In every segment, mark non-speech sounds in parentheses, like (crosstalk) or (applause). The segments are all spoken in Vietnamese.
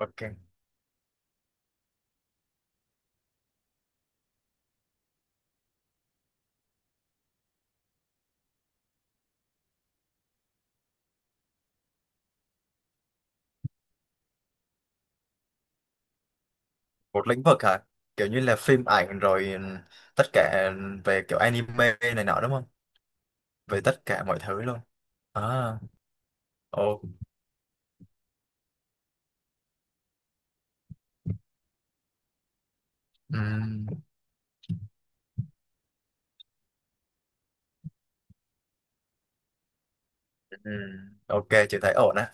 Ok. Một lĩnh vực hả? Kiểu như là phim ảnh rồi, ừ, tất cả về kiểu anime này nọ đúng không? Về tất cả mọi thứ luôn. À, ok. Ừm, ừm. Ok, chị thấy ổn á.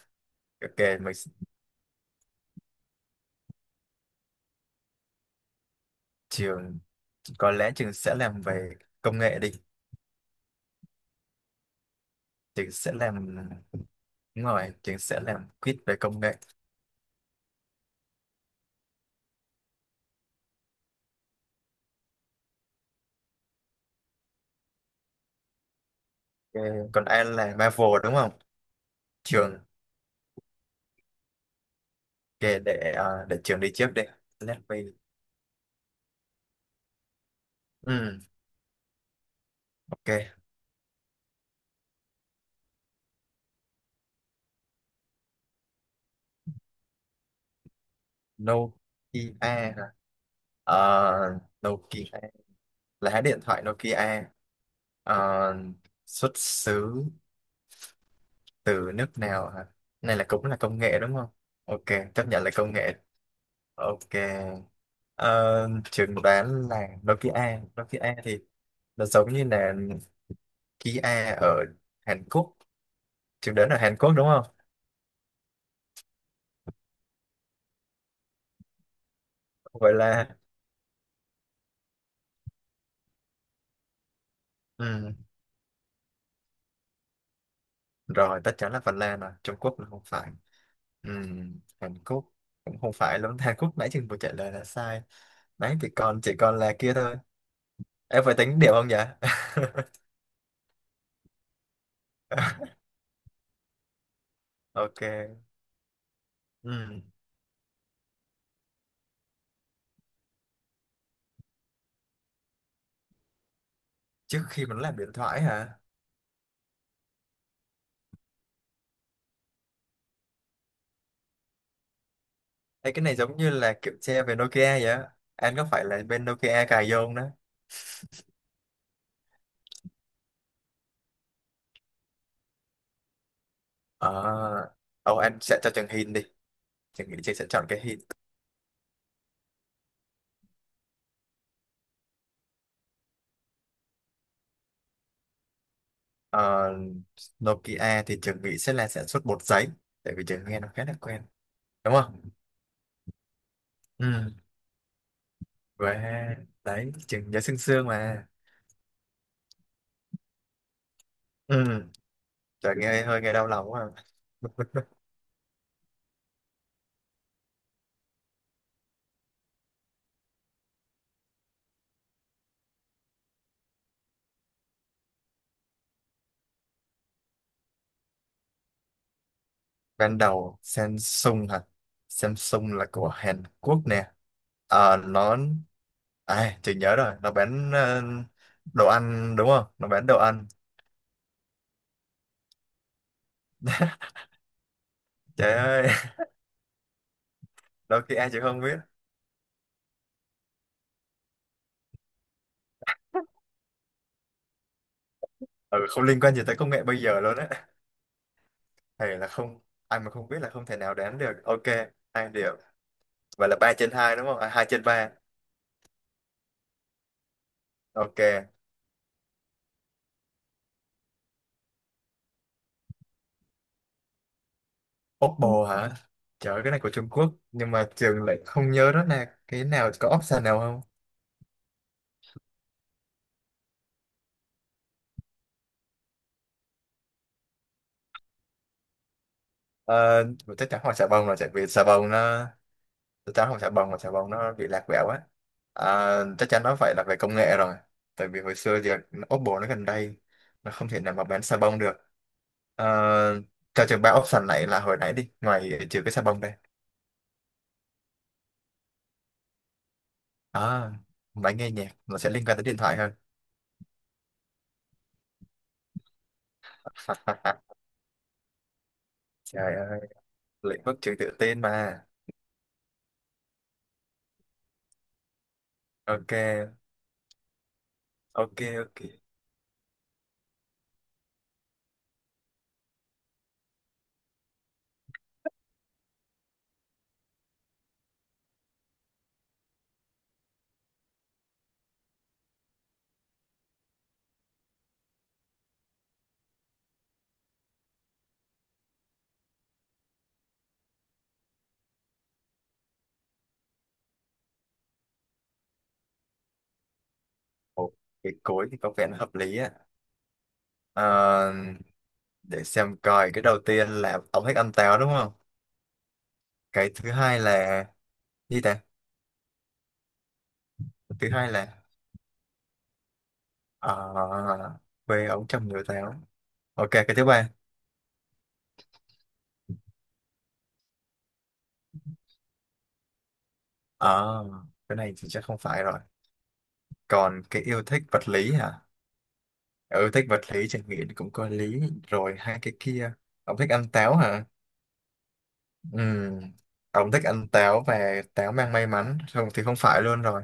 Ok, trường có lẽ trường sẽ làm về công nghệ đi. Trường sẽ làm Đúng rồi, trường sẽ làm quiz về công nghệ. Ok, còn ai là Marvel đúng không? Trường ok, để trường đi trước đi. Let me. Ừm, ok. Nokia hả? Ờ, Nokia lá điện thoại Nokia, ờ, xuất xứ từ nước nào hả? Này là cũng là công nghệ đúng không? Ok, chấp nhận là công nghệ. Ok. Ờ, trường đoán là Nokia. Nokia thì nó giống như là Kia ở Hàn Quốc. Trường đoán ở Hàn Quốc đúng không? Vậy là ừ. Rồi, tất chắn là Phần Lan rồi. Trung Quốc là không phải. Ừ. Hàn Quốc cũng không phải luôn. (laughs) Hàn Quốc nãy trường vừa trả lời là sai. Đấy thì còn là kia thôi. Em phải tính điểm không nhỉ? (laughs) Ok, ừ. Trước khi mà nó làm điện thoại hả? Ê, cái này giống như là kiểu xe về Nokia vậy á, anh có phải là bên Nokia cài vô không đó? Ờ, ồ, anh sẽ cho Trường Hin đi. Trường Nghị sẽ chọn cái Hin. Ờ, Nokia thì Trường Nghị sẽ là sản xuất bột giấy, tại vì Trường nghe nó khá là quen, đúng không? Ừ, và đấy, Trường nhớ sương sương mà. Ừ, trời nghe đau lòng quá à. Ban đầu Samsung hả? Samsung là của Hàn Quốc nè. Ờ, nó, à, chị nhớ rồi, nó bán, ờ, đồ ăn đúng không, nó bán đồ ăn. Trời ơi, (laughs) đôi khi ai chị không biết. Ừ, không liên quan gì tới công nghệ bây giờ luôn á. Thầy là không, ai mà không biết là không thể nào đoán được. Ok, hai điểm. Vậy là ba trên hai đúng không, à, hai trên ba. Ok. Oppo hả? Trời ơi, cái này của Trung Quốc nhưng mà trường lại không nhớ đó là cái nào, có option nào không? Ờ, chắc chắn hỏi xà bông rồi tại vì xà bông nó, tao không xà bông mà xà bông nó bị lạc quẹo á. À, chắc chắn nó phải là về công nghệ rồi, tại vì hồi xưa thì Oppo nó gần đây nó không thể nào mà bán xà bông được. À, cho trường ba option này là hồi nãy đi ngoài trừ cái xà bông đây. À, máy nghe nhạc nó sẽ liên quan tới điện thoại hơn. (laughs) Trời ơi, lĩnh vực trường tự tin mà. Ok ok Ok. Ồ, cái cối thì có vẻ nó hợp lý á. À, để xem coi, cái đầu tiên là tổng hết âm táo đúng không? Cái thứ hai là gì ta? Thứ hai là, ờ, quê ông chồng người táo. Ok, cái thứ ba. Ờ, cái này thì chắc không phải rồi. Còn cái yêu thích vật lý hả? Ừ, thích vật lý chẳng nghĩ cũng có lý. Rồi hai cái kia, ông thích ăn táo hả? Ừ. Ông thích ăn táo và táo mang may mắn không thì không phải luôn rồi.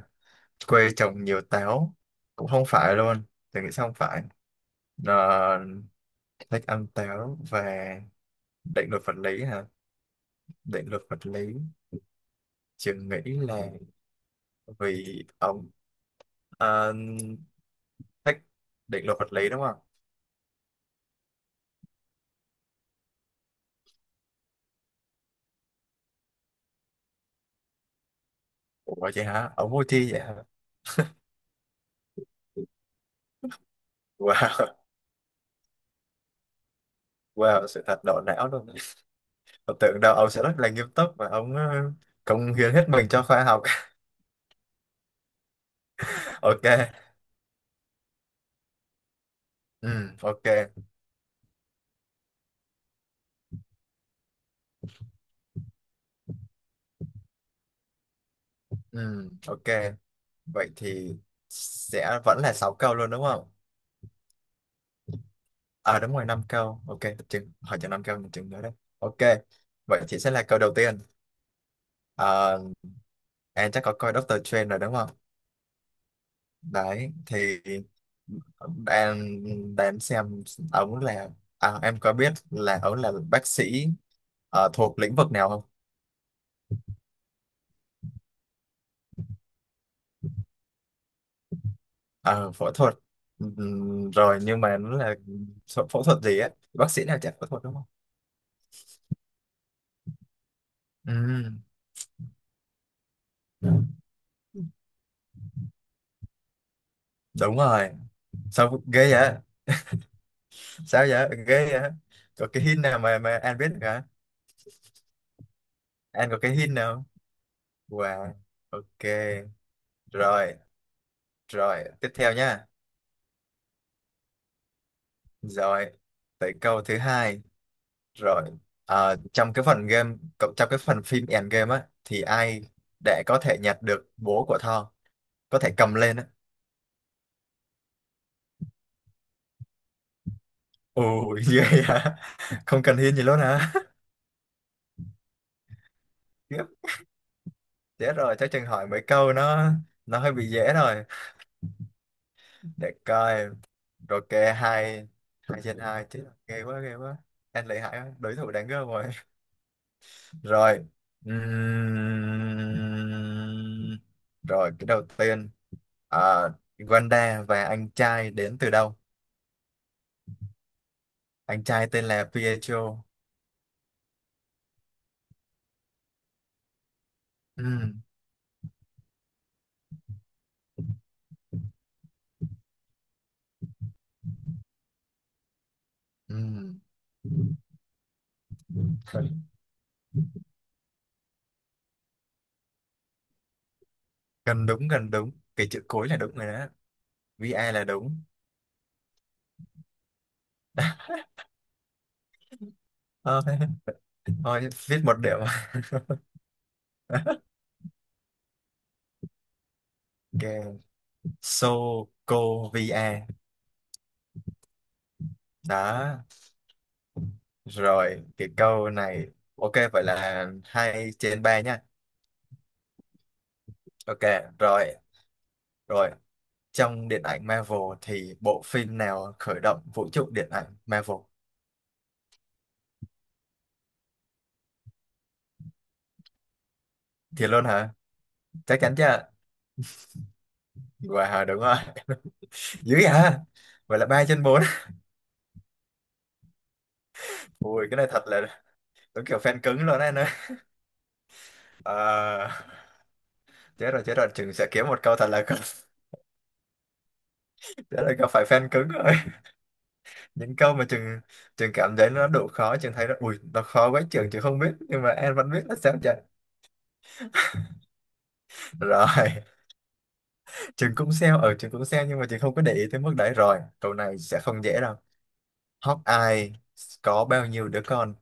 Quê trồng nhiều táo cũng không phải luôn. Tôi nghĩ sao không phải. Ờ, thích ăn táo và định luật vật lý hả? Định luật vật lý, trường nghĩ là vì ông, à, thích định luật vật lý đúng không? Ủa vậy hả? Ông vui thi vậy hả? Wow, (laughs) wow, sự thật đổ não luôn. Tôi tưởng đâu ông sẽ rất là nghiêm túc và ông, ờ, cống hiến hết mình cho khoa học. (laughs) Ok, ừ, ok, ừ, ok. Vậy thì sẽ vẫn là 6 câu luôn đúng không? À đúng rồi, 5 câu. Ok, chừng, hỏi cho 5 câu, mình chừng nữa đấy. Ok, vậy thì sẽ là câu đầu tiên. À, em chắc có coi Doctor Strange rồi đúng không? Đấy thì em, để em xem ống là, à, em có biết là ống là bác sĩ, ờ, thuộc lĩnh vực nào không? Ờ, phẫu thuật. Rồi nhưng mà nó là phẫu phẫu thuật gì á, bác sĩ nào chả phẫu thuật đúng không? Ừm, đúng rồi, sao ghê vậy, sao vậy ghê vậy, có cái hint nào mà anh biết được hả? Anh có cái hint nào không? Wow, ok. rồi rồi tiếp theo nha. Rồi tới câu thứ hai. Rồi, à, trong cái phần game, trong cái phần phim end game á, thì ai để có thể nhặt được bố của Thor, có thể cầm lên á. Ôi, (laughs) ghê hả? Không cần hiên gì luôn hả? (laughs) Tiếp, thế rồi, chắc chừng hỏi mấy câu nó hơi bị dễ rồi. Để coi, rồi kê hai, hai trên hai, chứ ghê quá, ghê quá. Em lợi hại quá, đối thủ đáng gớm rồi. (laughs) Rồi, ừm, rồi cái đầu tiên, à, Wanda và anh trai đến từ đâu? Anh trai tên là Pietro. ừ, ừ. Gần, gần đúng, gần đúng, cái chữ cuối là đúng rồi đó. VI là đúng. Ờ, thôi viết một điểm. Ok, Sokovia đó. Rồi cái câu này, ok, vậy là hai trên ba nha. Ok, rồi. Rồi, trong điện ảnh Marvel thì bộ phim nào khởi động vũ trụ điện ảnh Marvel thì luôn hả? Chắc chắn chưa? Wow, đúng rồi. (laughs) Dữ vậy hả? Vậy là ba trên bốn. (laughs) Ui cái này thật là đúng kiểu fan cứng luôn đấy nơi. Chết rồi, Trường sẽ kiếm một câu thật là không, (laughs) chết rồi gặp phải fan cứng rồi. Những câu mà Trường Trường cảm thấy nó đủ khó, Trường thấy nó ui nó khó quá, Trường Trường không biết nhưng mà em vẫn biết là sao trời. Rồi. (laughs) Trường cũng sell ở, Trường cũng sell nhưng mà Trường không có để ý tới mức đấy. Rồi câu này sẽ không dễ đâu. Hawkeye có bao nhiêu đứa con?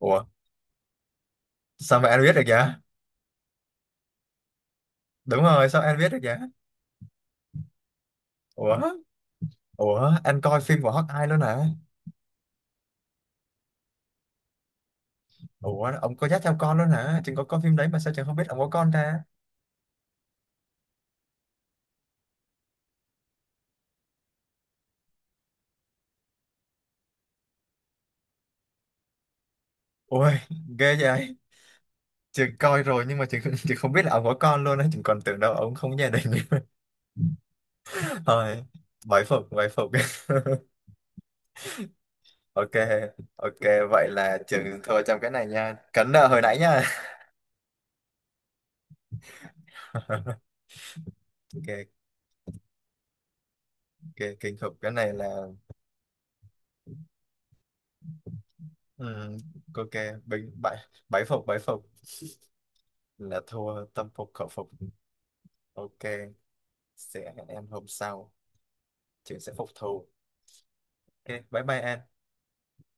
Ủa, sao mà anh biết được vậy? Đúng rồi, sao anh biết được vậy? Ủa, ủa, anh coi phim của Hawkeye luôn hả? Ủa, ông có dắt theo con luôn hả? Trường có coi phim đấy mà sao Trường không biết ông có con ta. Ôi, ghê vậy. Trường coi rồi nhưng mà trường, trường không biết là ông có con luôn á. Trường còn tưởng đâu ông không có gia đình. (laughs) Thôi, bái phục, bái phục. (laughs) Ok, ok. Vậy là trường thua trong cái này nha. Cấn nợ hồi nãy nha. (laughs) Ok, ok. Kinh khủng. Cái này là... ừm, ok, bình, bái, bái phục, bái phục. Là thua tâm phục khẩu phục. Ok, sẽ hẹn em hôm sau. Trường sẽ phục thù. Ok, bye bye em.